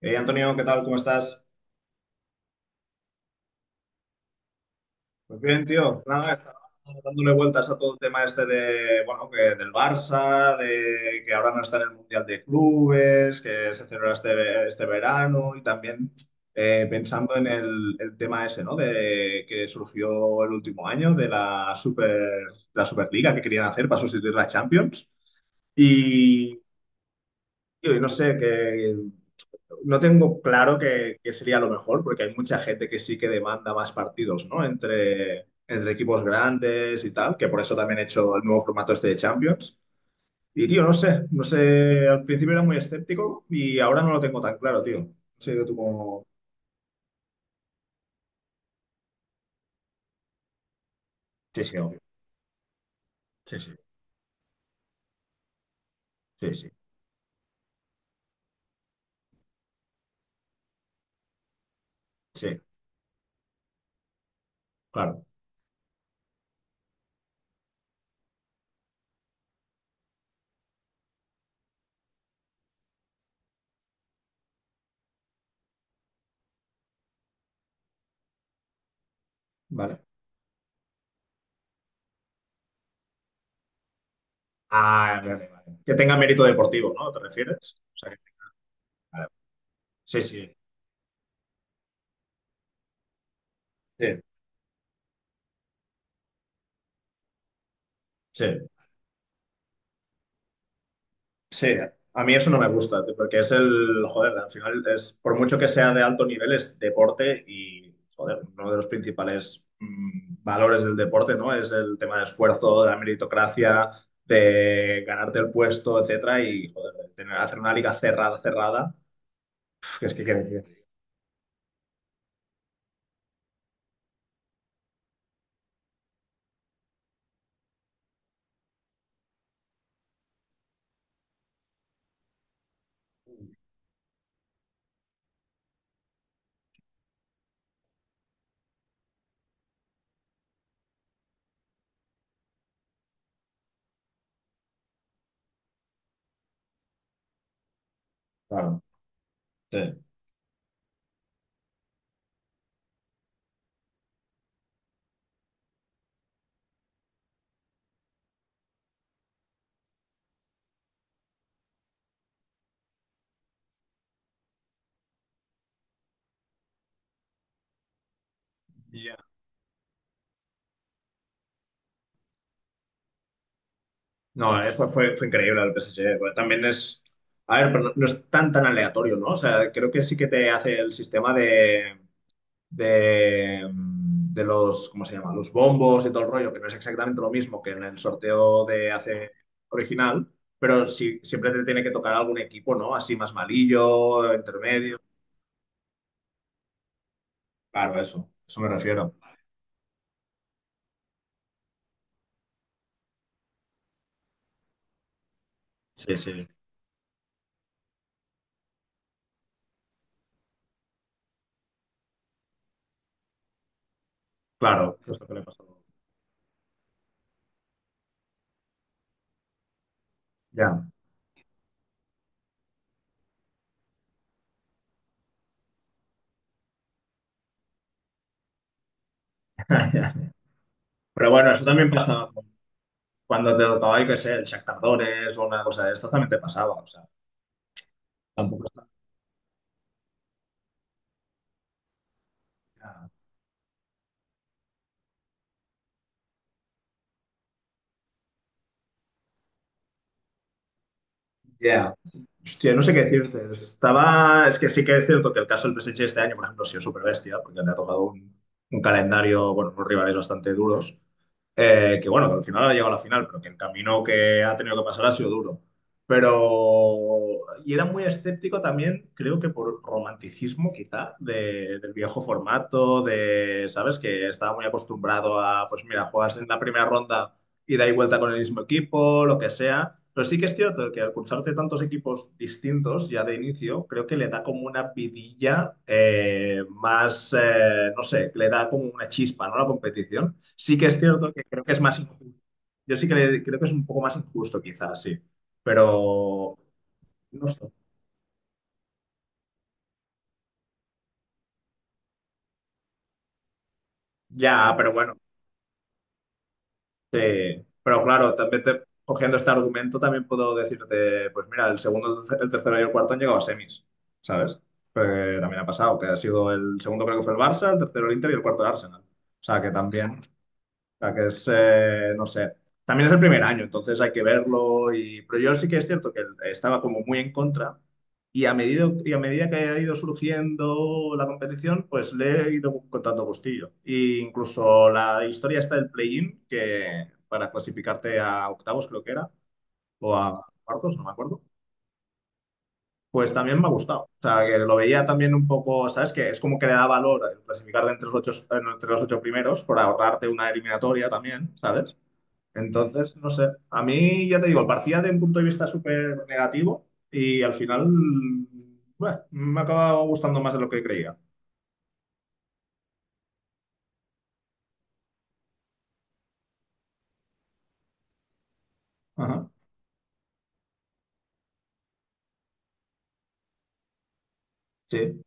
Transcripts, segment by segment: Antonio, ¿qué tal? ¿Cómo estás? Pues bien, tío. Nada, estaba dándole vueltas a todo el tema este de, bueno, que del Barça, de que ahora no está en el Mundial de Clubes, que se celebra este verano y también pensando en el tema ese, ¿no? De que surgió el último año de la Super, la Superliga que querían hacer para sustituir la Champions. Y, tío, y no sé, que no tengo claro que sería lo mejor, porque hay mucha gente que sí que demanda más partidos, ¿no? Entre equipos grandes y tal, que por eso también he hecho el nuevo formato este de Champions. Y, tío, no sé, al principio era muy escéptico y ahora no lo tengo tan claro, tío. No sé tú cómo- Sí, sí, obvio. Sí, sí, sí, sí, sí, claro, vale. Ah, vale, vale. Que tenga mérito deportivo, ¿no? ¿Te refieres? O sea, que- vale. Sí, sí, sí, sí. Sí, a mí eso no me gusta, tío, porque es el, joder, al final es, por mucho que sea de alto nivel, es deporte y, joder, uno de los principales valores del deporte, ¿no? Es el tema del esfuerzo, de la meritocracia, de ganarte el puesto, etcétera, y, joder, de tener, hacer una liga cerrada, cerrada, pf, que es que- claro, sí. Ya. No, fue increíble el PSG. Bueno, también es. A ver, pero no, no es tan tan aleatorio, ¿no? O sea, creo que sí que te hace el sistema de. De, de los, ¿cómo se llama? Los bombos y todo el rollo, que no es exactamente lo mismo que en el sorteo de hace original, pero sí, siempre te tiene que tocar algún equipo, ¿no? Así más malillo, intermedio. Claro, eso me refiero. Sí, sí, claro, eso que le pasó. Ya. Ya. Pero bueno, eso también pasa cuando te tocaba, yo qué sé, el Shakhtar Donetsk o una cosa de esto también te pasaba, o sea, tampoco está... Ya, hostia, no sé qué decirte. Estaba. Es que sí que es cierto que el caso del PSG este año, por ejemplo, ha sido súper bestia, porque le ha tocado un calendario, bueno, unos rivales bastante duros. Que bueno, que al final ha llegado a la final, pero que el camino que ha tenido que pasar ha sido duro. Pero. Y era muy escéptico también, creo que por romanticismo, quizá, de- del viejo formato, de. ¿Sabes? Que estaba muy acostumbrado a, pues mira, juegas en la primera ronda y da y vuelta con el mismo equipo, lo que sea. Pero sí que es cierto que al cursarte tantos equipos distintos ya de inicio, creo que le da como una vidilla más, no sé, le da como una chispa, ¿no? A la competición. Sí que es cierto que creo que es más injusto. Yo sí que le- creo que es un poco más injusto, quizás, sí. Pero, no sé. Ya, pero bueno, sí, pero claro, también te- cogiendo este argumento también puedo decirte, pues mira, el segundo, el terce- el tercero y el cuarto han llegado a semis, ¿sabes? Porque también ha pasado, que ha sido el segundo creo que fue el Barça, el tercero el Inter y el cuarto el Arsenal. O sea, que también sea, que es, no sé, también es el primer año, entonces hay que verlo. Y... Pero yo sí que es cierto que estaba como muy en contra y y a medida que ha ido surgiendo la competición, pues le he ido contando gustillo. E incluso la historia está del play-in, que para clasificarte a octavos creo que era, o a cuartos, no me acuerdo. Pues también me ha gustado. O sea, que lo veía también un poco, ¿sabes? Que es como que le da valor el clasificar de entre los ocho primeros por ahorrarte una eliminatoria también, ¿sabes? Entonces, no sé, a mí ya te digo, partía de un punto de vista súper negativo y al final, bueno, me ha acabado gustando más de lo que creía. Ajá, sí,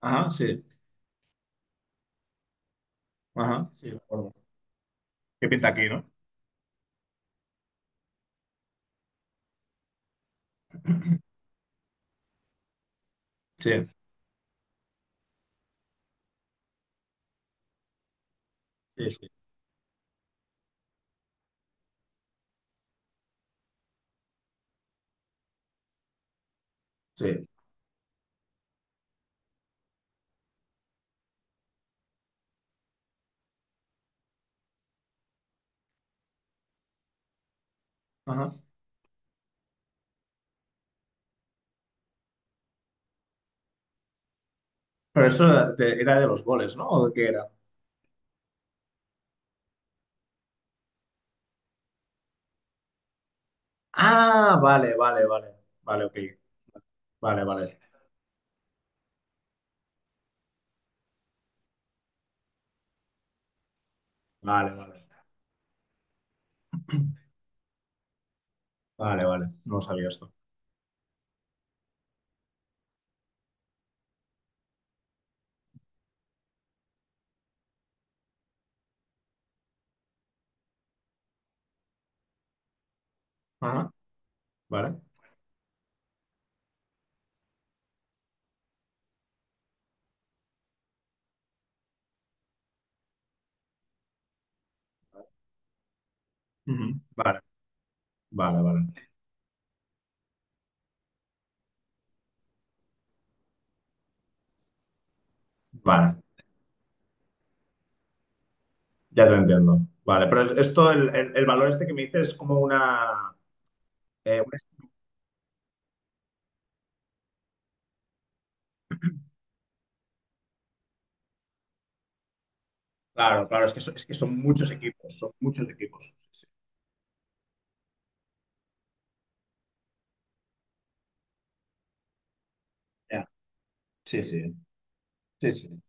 ajá, sí, ajá, sí, de acuerdo. ¿Qué pinta aquí, no? Sí, sí, sí, sí, ajá. Pero eso era de los goles, ¿no? ¿O de qué era? Ah, vale, vale, vale, vale, ok, vale, vale, vale, vale, vale, vale, no sabía esto. Ajá, vale, ujú, vale, vale, vale, vale. Ya te entiendo. Vale, pero esto, el valor este que me dices es como una- Claro, claro, es que, so- es que son muchos equipos, son muchos equipos. Sí, sí. Ya. Sí, sí, sí, sí.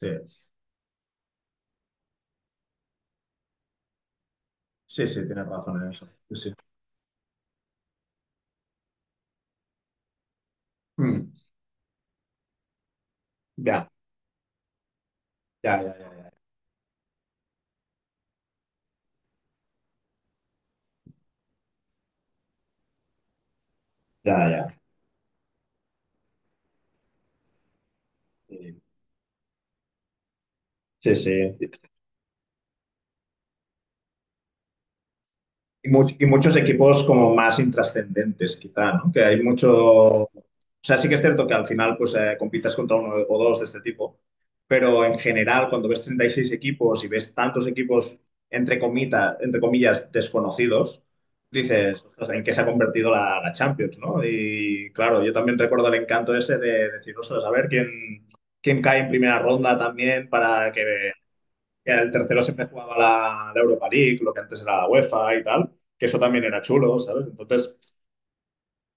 Sí, sí, sí, tienes razón en eso. Sí, sí. Mm. Ya, ya, ya, ya, ya. Ya, ya. Sí, sí. Sí. Y, much- y muchos equipos como más intrascendentes, quizá, ¿no? Que hay mucho... O sea, sí que es cierto que al final pues compitas contra uno o dos de este tipo, pero en general cuando ves 36 equipos y ves tantos equipos entre comita- entre comillas desconocidos, dices, "Ostras, ¿en qué se ha convertido la Champions, ¿no? Y claro, yo también recuerdo el encanto ese de decir, ostras, a ver quién, quién cae en primera ronda también para que el tercero siempre jugaba la Europa League, lo que antes era la UEFA y tal, que eso también era chulo, ¿sabes? Entonces,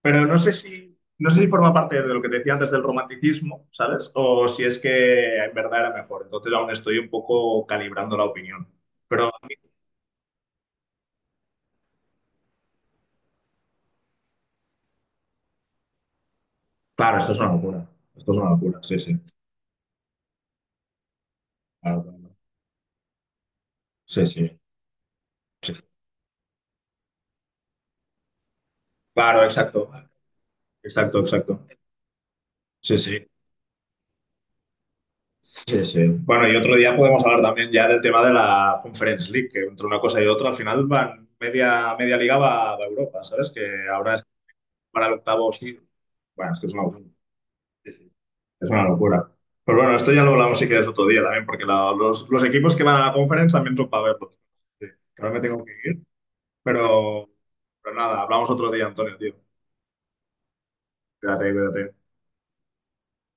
pero no sé si forma parte de lo que te decía antes del romanticismo, ¿sabes? O si es que en verdad era mejor. Entonces aún estoy un poco calibrando la opinión. Pero claro, esto es una locura. Esto es una locura, sí, sí. Claro, claro. Sí, sí. Sí. Claro, exacto. Exacto, exacto. Sí, sí. Sí, sí. Bueno, y otro día podemos hablar también ya del tema de la Conference League, que entre una cosa y otra al final van media, media liga va a Europa, ¿sabes? Que ahora es para el octavo sí. Bueno, es que es una, sí, sí, es una locura. Pero bueno, esto ya lo hablamos si quieres otro día también, porque la- los equipos que van a la Conference también son para verlos. Sí, que ahora me tengo que ir, pero, pero nada, hablamos otro día, Antonio, tío. Quédate, cuídate.